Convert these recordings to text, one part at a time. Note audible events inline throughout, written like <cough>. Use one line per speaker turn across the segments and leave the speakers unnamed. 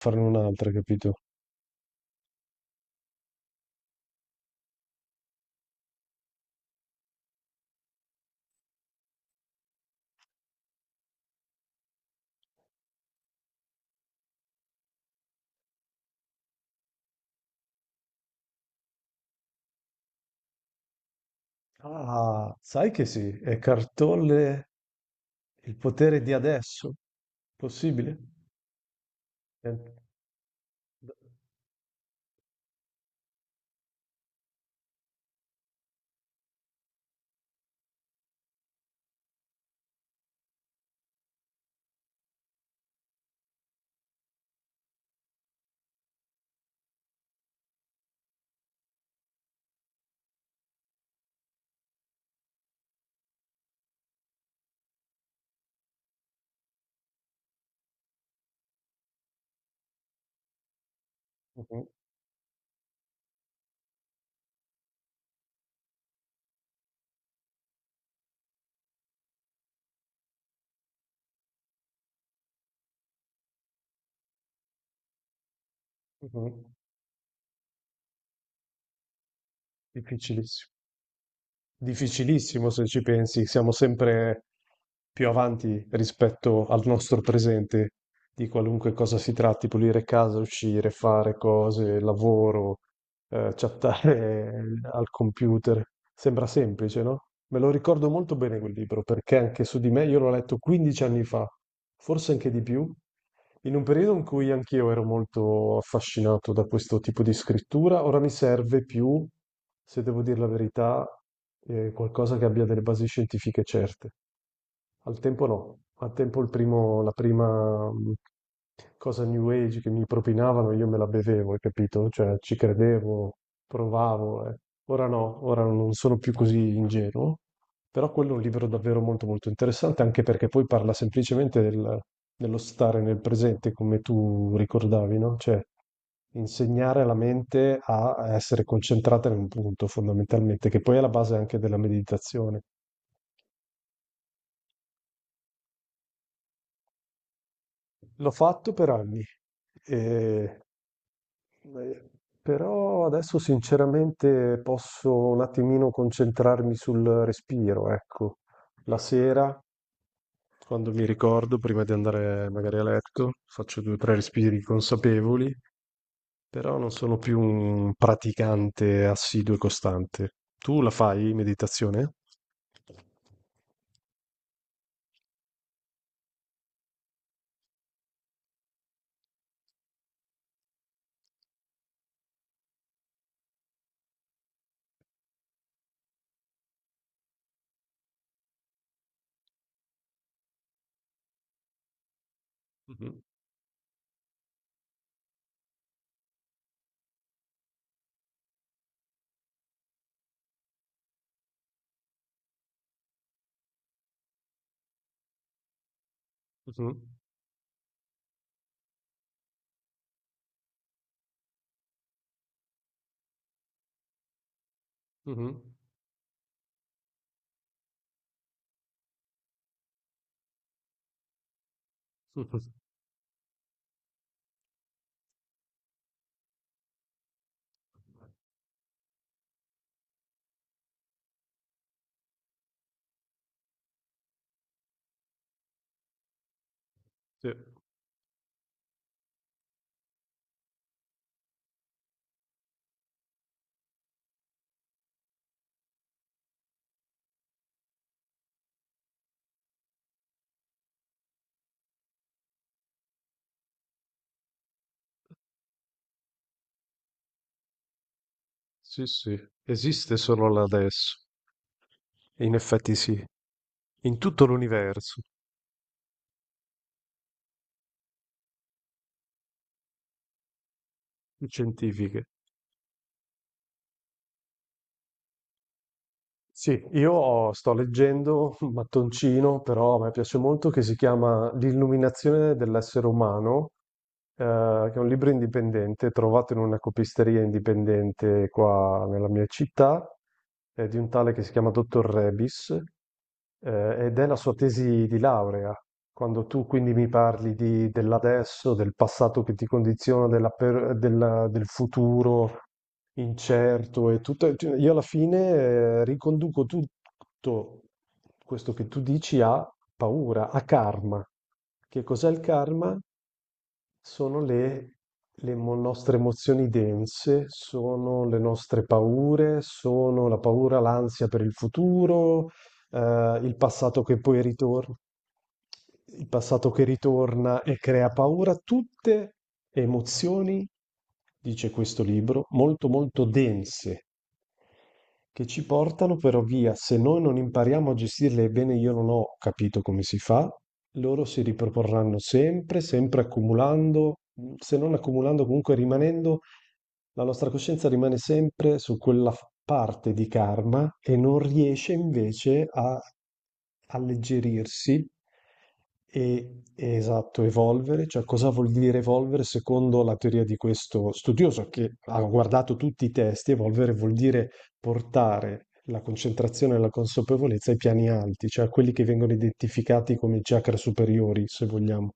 Farne un'altra, capito? Ah, sai che sì, è Cartolle il potere di adesso? Possibile? Eh, d- mhm, mhm. Difficilissimo. Difficilissimo se ci pensi, siamo sempre più avanti rispetto al nostro presente, di qualunque cosa si tratti, pulire casa, uscire, fare cose, lavoro, chattare <laughs> al computer. Sembra semplice, no? Me lo ricordo molto bene quel libro, perché anche su di me io l'ho letto 15 anni fa, forse anche di più, in un periodo in cui anch'io ero molto affascinato da questo tipo di scrittura. Ora mi serve più, se devo dire la verità, qualcosa che abbia delle basi scientifiche certe. Al tempo no, al tempo la prima cosa New Age che mi propinavano io me la bevevo, hai capito? Cioè ci credevo, provavo. Ora no, ora non sono più così ingenuo, però quello è un libro davvero molto molto interessante anche perché poi parla semplicemente dello stare nel presente come tu ricordavi, no? Cioè insegnare alla mente a essere concentrata in un punto fondamentalmente, che poi è la base anche della meditazione. L'ho fatto per anni, e- eh, però adesso sinceramente posso un attimino concentrarmi sul respiro, ecco. La sera, quando mi ricordo, prima di andare magari a letto, faccio due o tre respiri consapevoli però non sono più un praticante assiduo e costante. Tu la fai meditazione? Mhm, mhm, mhm, mhm. <laughs> Sì, sì, sì, esiste solo là adesso. In effetti sì, in tutto l'universo. Scientifiche. Sì, io sto leggendo un mattoncino, però a me piace molto, che si chiama L'illuminazione dell'essere umano, eh, che è un libro indipendente, trovato in una copisteria indipendente qua nella mia città, è di un tale che si chiama Dottor Rebis, ed è la sua tesi di laurea. Quando tu quindi mi parli di- dell'adesso, del passato che ti condiziona, del futuro, incerto e tutto. Cioè, io alla fine riconduco tutto questo che tu dici a paura, a karma. Che cos'è il karma? Sono le nostre emozioni dense, sono le nostre paure, sono la paura, l'ansia per il futuro, il passato che poi ritorna, il passato che ritorna e crea paura, tutte emozioni, dice questo libro, molto molto dense che ci portano però via, se noi non impariamo a gestirle, bene io non ho capito come si fa, loro si riproporranno sempre, sempre accumulando, se non accumulando comunque rimanendo, la nostra coscienza rimane sempre su quella parte di karma e non riesce invece a alleggerirsi e esatto, evolvere, cioè cosa vuol dire evolvere secondo la teoria di questo studioso che ha guardato tutti i testi, evolvere vuol dire portare la concentrazione e la consapevolezza ai piani alti, cioè a quelli che vengono identificati come chakra superiori, se vogliamo.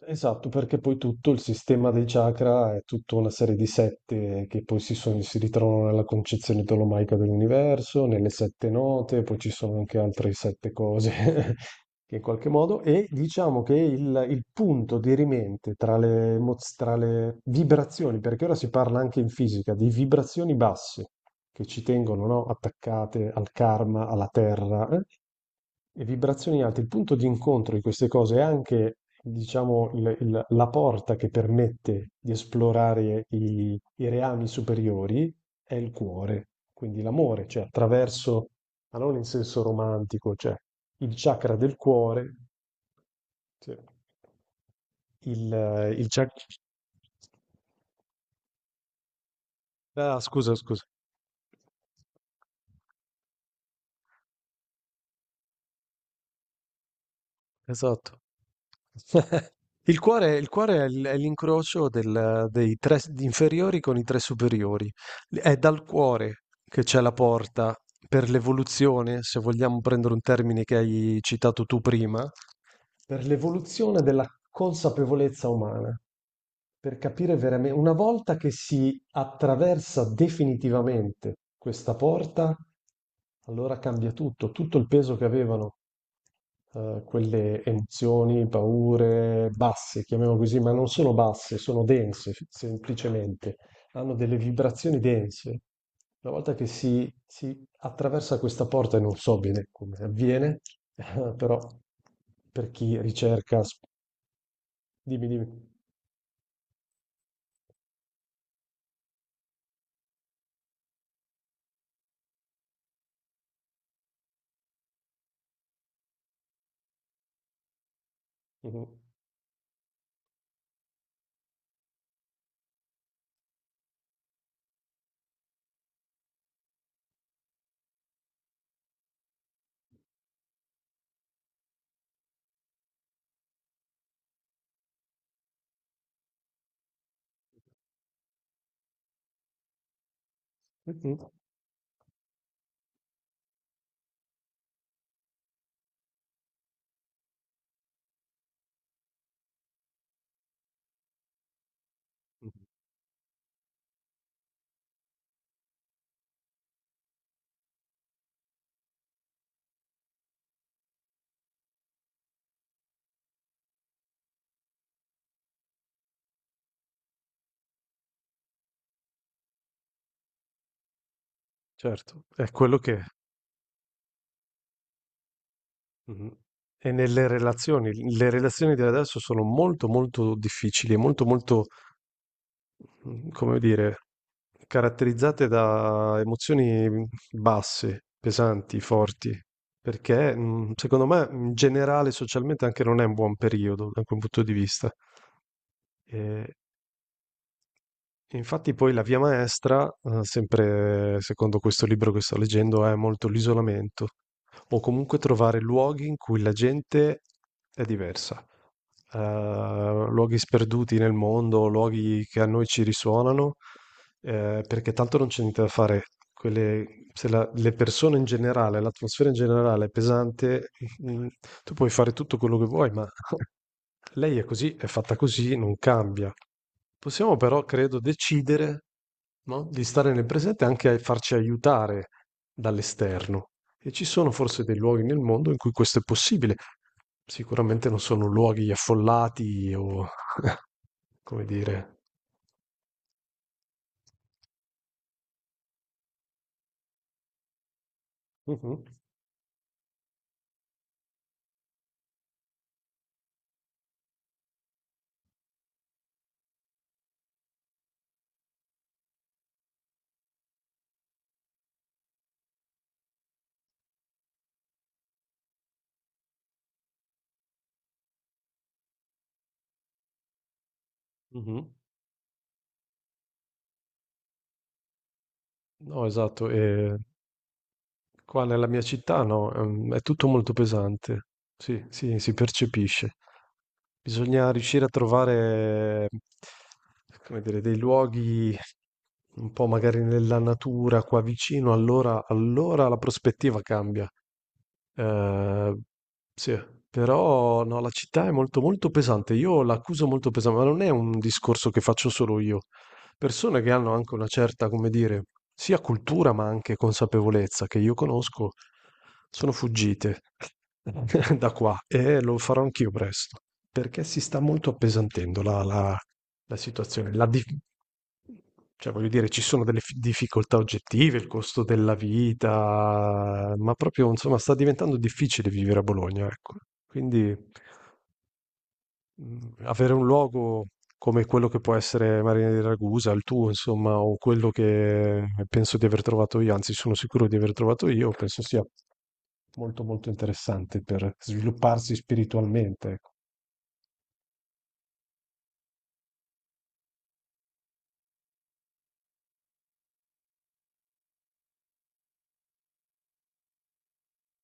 Esatto, perché poi tutto il sistema dei chakra è tutta una serie di sette che poi si, si ritrovano nella concezione tolomaica dell'universo, nelle sette note, poi ci sono anche altre sette cose <laughs> che in qualche modo, e diciamo che il punto dirimente tra tra le vibrazioni, perché ora si parla anche in fisica di vibrazioni basse che ci tengono, no, attaccate al karma, alla terra, eh? E vibrazioni alte, il punto di incontro di queste cose è anche, diciamo, la porta che permette di esplorare i reami superiori è il cuore, quindi l'amore, cioè attraverso, ma non in senso romantico, cioè il chakra del cuore, cioè, il chakra... Ah, scusa, scusa. Esatto. <laughs> Il cuore è l'incrocio del dei 3 s inferiori con i 3 superiori. L È dal cuore che c'è la porta per l'evoluzione, se vogliamo prendere un termine che hai citato tu prima, per l'evoluzione della consapevolezza umana, per capire veramen una volta che si attraversa definitivamente questa porta, allora cambia tutto, tutto il peso che avevano quelle emozioni, paure basse, chiamiamo così, ma non sono basse, sono dense, semplicemente, hanno delle vibrazioni dense. Una volta che si attraversa questa porta, e non so bene come avviene, <laughs> però per chi ricerca, dimmi, dimmi. Mhm. Mhm. Certo, è quello che Mhm. è nelle relazioni. Le relazioni di adesso sono molto molto difficili, molto molto, come dire, caratterizzate da emozioni basse, pesanti, forti, perché secondo me in generale socialmente anche non è un buon periodo da quel punto di vista. E infatti poi la via maestra, sempre secondo questo libro che sto leggendo, è molto l'isolamento, o comunque trovare luoghi in cui la gente è diversa. Eh, luoghi sperduti nel mondo, luoghi che a noi ci risuonano, perché tanto non c'è niente da fare. Quelle- se la- le persone in generale, l'atmosfera in generale è pesante, mm, tu puoi fare tutto quello che vuoi, ma <laughs> lei è così, è fatta così, non cambia. Possiamo però, credo, decidere, no, di stare nel presente e anche a farci aiutare dall'esterno. E ci sono forse dei luoghi nel mondo in cui questo è possibile. Sicuramente non sono luoghi affollati o, come dire... Mhm, mhm. No, esatto. E qua nella mia città, no, è tutto molto pesante. Sì, sì, si percepisce. Bisogna riuscire a trovare, come dire, dei luoghi un po' magari nella natura, qua vicino, allora, allora la prospettiva cambia. Ehm, sì, però no, la città è molto molto pesante. Io l'accuso molto pesante, ma non è un discorso che faccio solo io. Persone che hanno anche una certa, come dire, sia cultura ma anche consapevolezza che io conosco, sono fuggite <laughs> da qua e lo farò anch'io presto, perché si sta molto appesantendo la situazione. Cioè, voglio dire, ci sono delle difficoltà oggettive, il costo della vita, ma proprio, insomma, sta diventando difficile vivere a Bologna, ecco. Quindi avere un luogo come quello che può essere Marina di Ragusa, il tuo, insomma, o quello che penso di aver trovato io, anzi sono sicuro di aver trovato io, penso sia molto molto interessante per svilupparsi spiritualmente, ecco.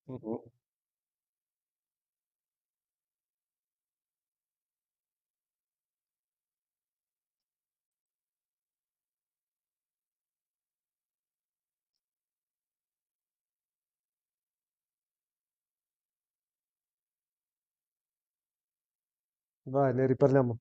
Mhm. Vai, ne riparliamo.